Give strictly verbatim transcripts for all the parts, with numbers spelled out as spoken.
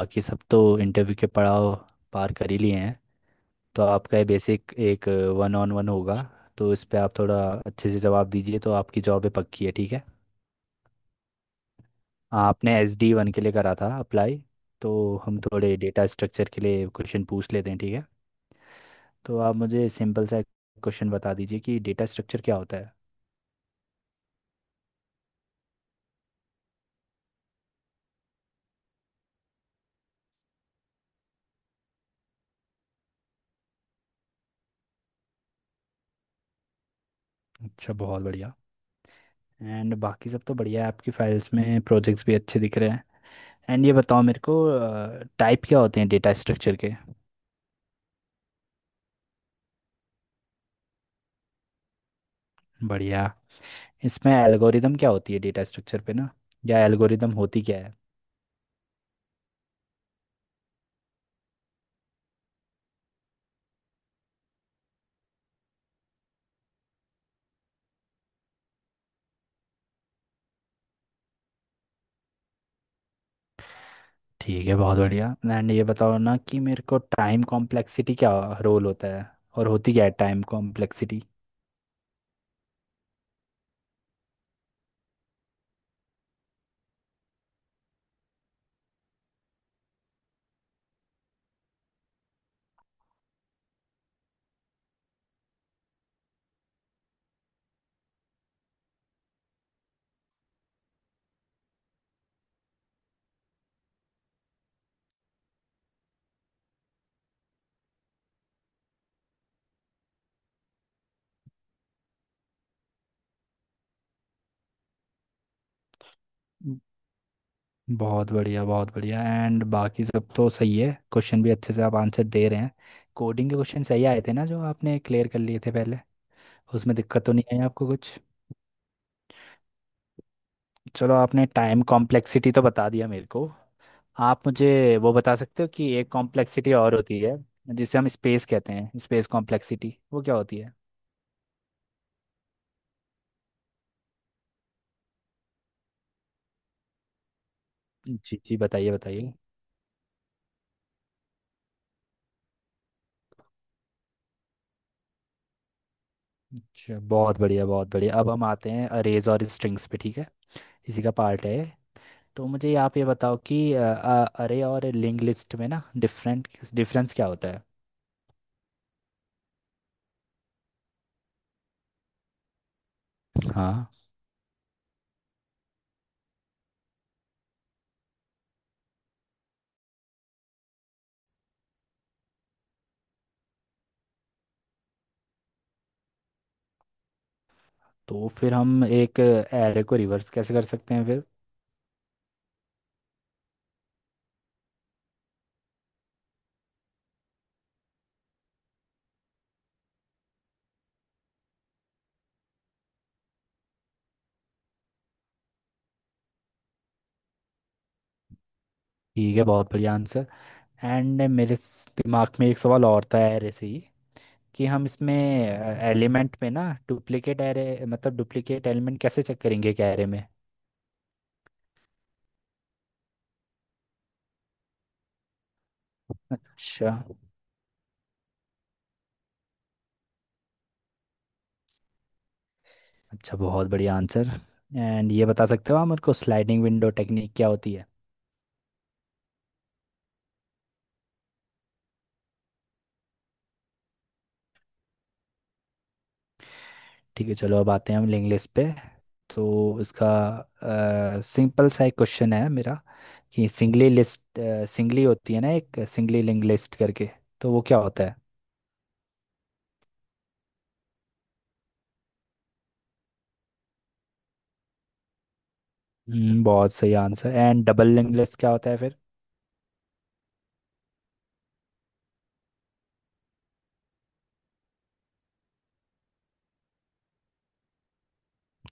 बाकी सब तो इंटरव्यू के पड़ाव पार कर ही लिए हैं। तो आपका ये बेसिक एक वन ऑन वन होगा। तो इस पे आप थोड़ा अच्छे से जवाब दीजिए तो आपकी जॉब है, पक्की है, ठीक है। आपने एस डी वन के लिए करा था अप्लाई। तो हम थोड़े डेटा स्ट्रक्चर के लिए क्वेश्चन पूछ लेते हैं, ठीक है। तो आप मुझे सिंपल सा क्वेश्चन बता दीजिए कि डेटा स्ट्रक्चर क्या होता है। अच्छा, बहुत बढ़िया। एंड बाकी सब तो बढ़िया है, आपकी फाइल्स में प्रोजेक्ट्स भी अच्छे दिख रहे हैं। एंड ये बताओ मेरे को, टाइप क्या होते हैं डेटा स्ट्रक्चर के। बढ़िया। इसमें एल्गोरिदम क्या होती है डेटा स्ट्रक्चर पे ना, या एल्गोरिदम होती क्या है। ठीक है, बहुत बढ़िया। एंड ये बताओ ना कि मेरे को टाइम कॉम्प्लेक्सिटी क्या रोल होता है, और होती क्या है टाइम कॉम्प्लेक्सिटी। बहुत बढ़िया, बहुत बढ़िया। एंड बाकी सब तो सही है, क्वेश्चन भी अच्छे से आप आंसर दे रहे हैं। कोडिंग के क्वेश्चन सही आए थे ना जो आपने क्लियर कर लिए थे पहले। उसमें दिक्कत तो नहीं आई आपको कुछ। चलो, आपने टाइम कॉम्प्लेक्सिटी तो बता दिया मेरे को। आप मुझे वो बता सकते हो कि एक कॉम्प्लेक्सिटी और होती है जिसे हम स्पेस कहते हैं, स्पेस कॉम्प्लेक्सिटी, वो क्या होती है। जी जी, बताइए बताइए। अच्छा, बहुत बढ़िया, बहुत बढ़िया। अब हम आते हैं अरेज और स्ट्रिंग्स पे, ठीक है। इसी का पार्ट है ये। तो मुझे आप ये बताओ कि अरे और लिंक लिस्ट में ना डिफरेंट डिफरेंस क्या होता है। हाँ। तो फिर हम एक एरे को रिवर्स कैसे कर सकते हैं फिर। ठीक है, बहुत बढ़िया आंसर। एंड मेरे स- दिमाग में एक सवाल और था एरे से ही। कि हम इसमें एलिमेंट में ना डुप्लीकेट एरे, मतलब डुप्लीकेट एलिमेंट कैसे चेक करेंगे एक एरे में। अच्छा, अच्छा, बहुत बढ़िया आंसर। एंड ये बता सकते हो आप मेरे को स्लाइडिंग विंडो टेक्निक क्या होती है। ठीक है, चलो अब आते हैं हम लिंक लिस्ट पे। तो इसका सिंपल सा एक क्वेश्चन है मेरा। कि सिंगली लिस्ट, सिंगली होती है ना एक सिंगली लिंक लिस्ट करके, तो वो क्या होता है। हम्म, बहुत सही answer. And double link list क्या होता है फिर।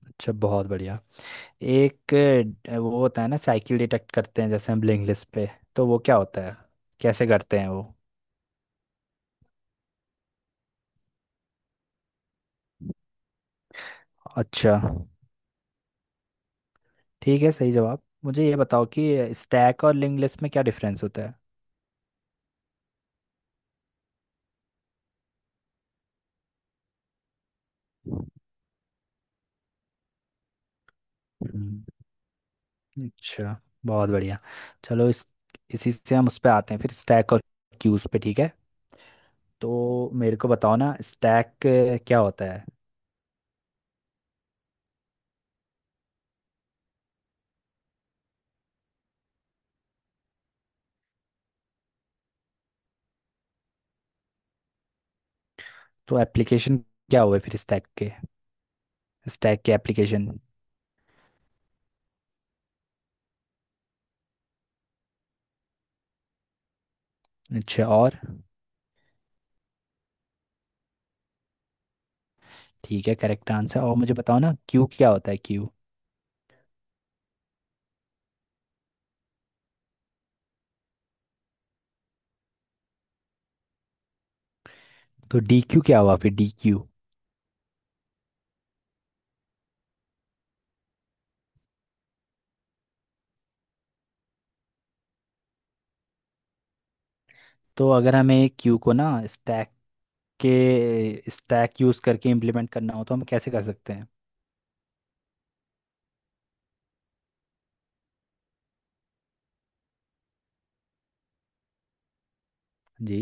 अच्छा, बहुत बढ़िया। एक अ, वो होता है ना, साइकिल डिटेक्ट करते हैं जैसे हम ब्लिंक लिस्ट पे, तो वो क्या होता है, कैसे करते हैं वो। अच्छा, ठीक है, सही जवाब। मुझे ये बताओ कि स्टैक और लिंक लिस्ट में क्या डिफरेंस होता है। हम्म, अच्छा, बहुत बढ़िया। चलो इस इसी से हम उस पे आते हैं फिर स्टैक और क्यूज पे, ठीक है। तो मेरे को बताओ ना स्टैक क्या होता है। तो एप्लीकेशन क्या हुए फिर स्टैक के, स्टैक के एप्लीकेशन। अच्छा, और। ठीक है, करेक्ट आंसर। और मुझे बताओ ना क्यू क्या होता है, क्यू। तो डी क्यू क्या हुआ फिर, डी क्यू। तो अगर हमें क्यू को ना स्टैक के, स्टैक यूज करके इम्प्लीमेंट करना हो तो हम कैसे कर सकते हैं। जी।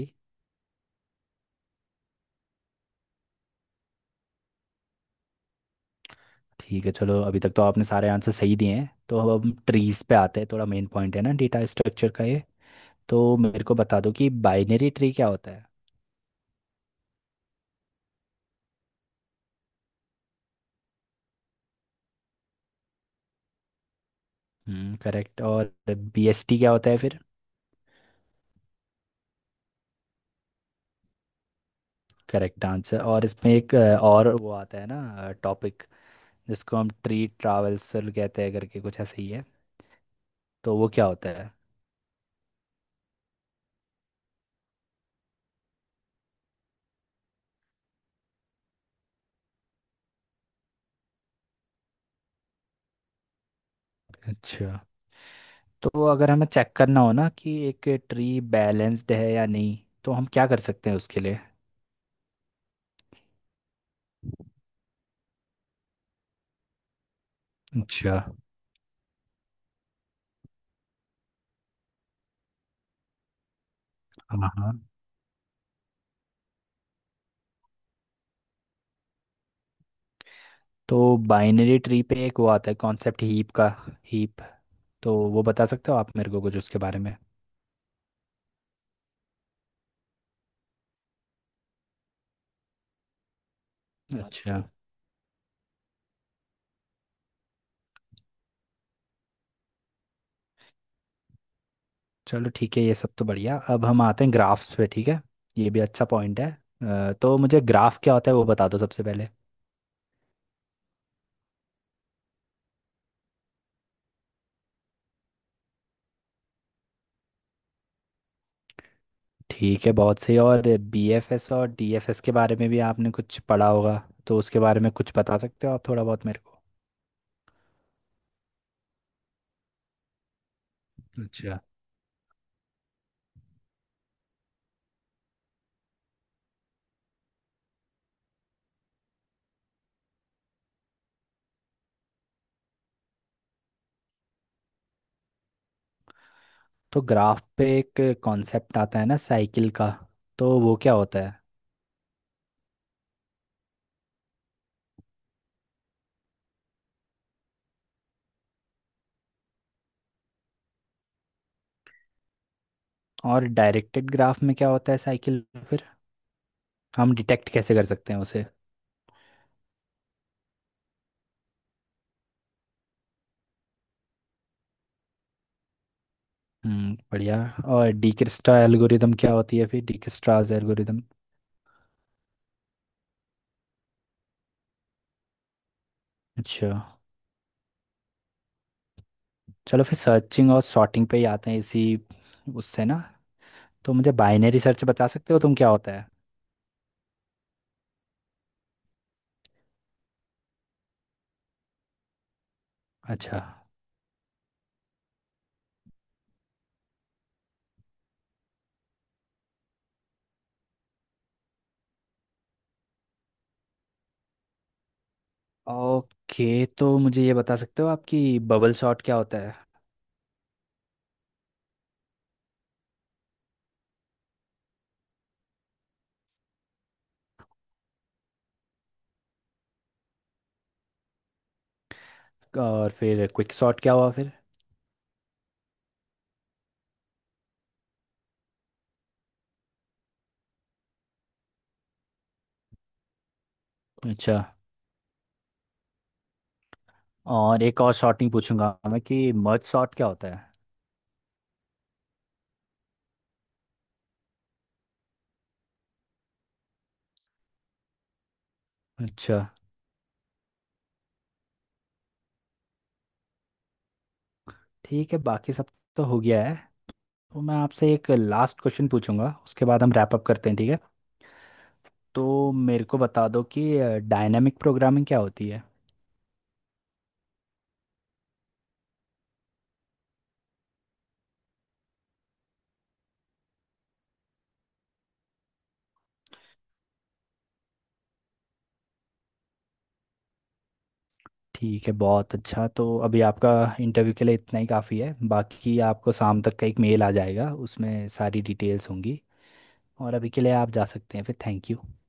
ठीक है, चलो अभी तक तो आपने सारे आंसर सही दिए हैं, तो अब हम ट्रीज पे आते हैं, थोड़ा मेन पॉइंट है ना डेटा स्ट्रक्चर का ये। तो मेरे को बता दो कि बाइनरी ट्री क्या होता है। हम्म करेक्ट। और बीएसटी क्या होता है फिर। Correct answer. और इसमें एक अ, और वो आता है ना टॉपिक, जिसको हम ट्री ट्रावल्सल कहते हैं करके, कुछ ऐसे ही है, तो वो क्या होता है। अच्छा। तो अगर हमें चेक करना हो ना कि एक ट्री बैलेंस्ड है या नहीं, तो हम क्या कर सकते हैं उसके लिए। अच्छा। हाँ, हाँ। तो बाइनरी ट्री पे एक वो आता है कॉन्सेप्ट हीप का, हीप, तो वो बता सकते हो आप मेरे को कुछ उसके बारे में। अच्छा। चलो ठीक है, ये सब तो बढ़िया। अब हम आते हैं ग्राफ्स पे, ठीक है। ये भी अच्छा पॉइंट है। अ, तो मुझे ग्राफ क्या होता है वो बता दो सबसे पहले। ठीक है, बहुत सही। और बीएफएस और डीएफएस के बारे में भी आपने कुछ पढ़ा होगा, तो उसके बारे में कुछ बता सकते हो आप थोड़ा बहुत मेरे को। अच्छा। तो ग्राफ पे एक कॉन्सेप्ट आता है ना साइकिल का, तो वो क्या होता है। और डायरेक्टेड ग्राफ में क्या होता है साइकिल फिर, हम डिटेक्ट कैसे कर सकते हैं उसे। हम्म बढ़िया। और डिकिस्ट्रा एल्गोरिदम क्या होती है फिर, डिकिस्ट्राज एल्गोरिदम। अच्छा। चलो फिर सर्चिंग और सॉर्टिंग पे ही आते हैं, इसी उससे ना। तो मुझे बाइनरी सर्च बता सकते हो तुम क्या होता है। अच्छा, ओके। तो मुझे ये बता सकते हो आपकी बबल शॉट क्या होता है। और फिर क्विक शॉट क्या हुआ फिर। अच्छा, और एक और शॉट नहीं पूछूंगा मैं कि मर्ज शॉट क्या होता है। अच्छा, ठीक है, बाकी सब तो हो गया है। तो मैं आपसे एक लास्ट क्वेश्चन पूछूंगा, उसके बाद हम रैप अप करते हैं, ठीक है। तो मेरे को बता दो कि डायनामिक प्रोग्रामिंग क्या होती है। ठीक है, बहुत अच्छा। तो अभी आपका इंटरव्यू के लिए इतना ही काफ़ी है, बाकी आपको शाम तक का एक मेल आ जाएगा उसमें सारी डिटेल्स होंगी। और अभी के लिए आप जा सकते हैं, फिर थैंक यू।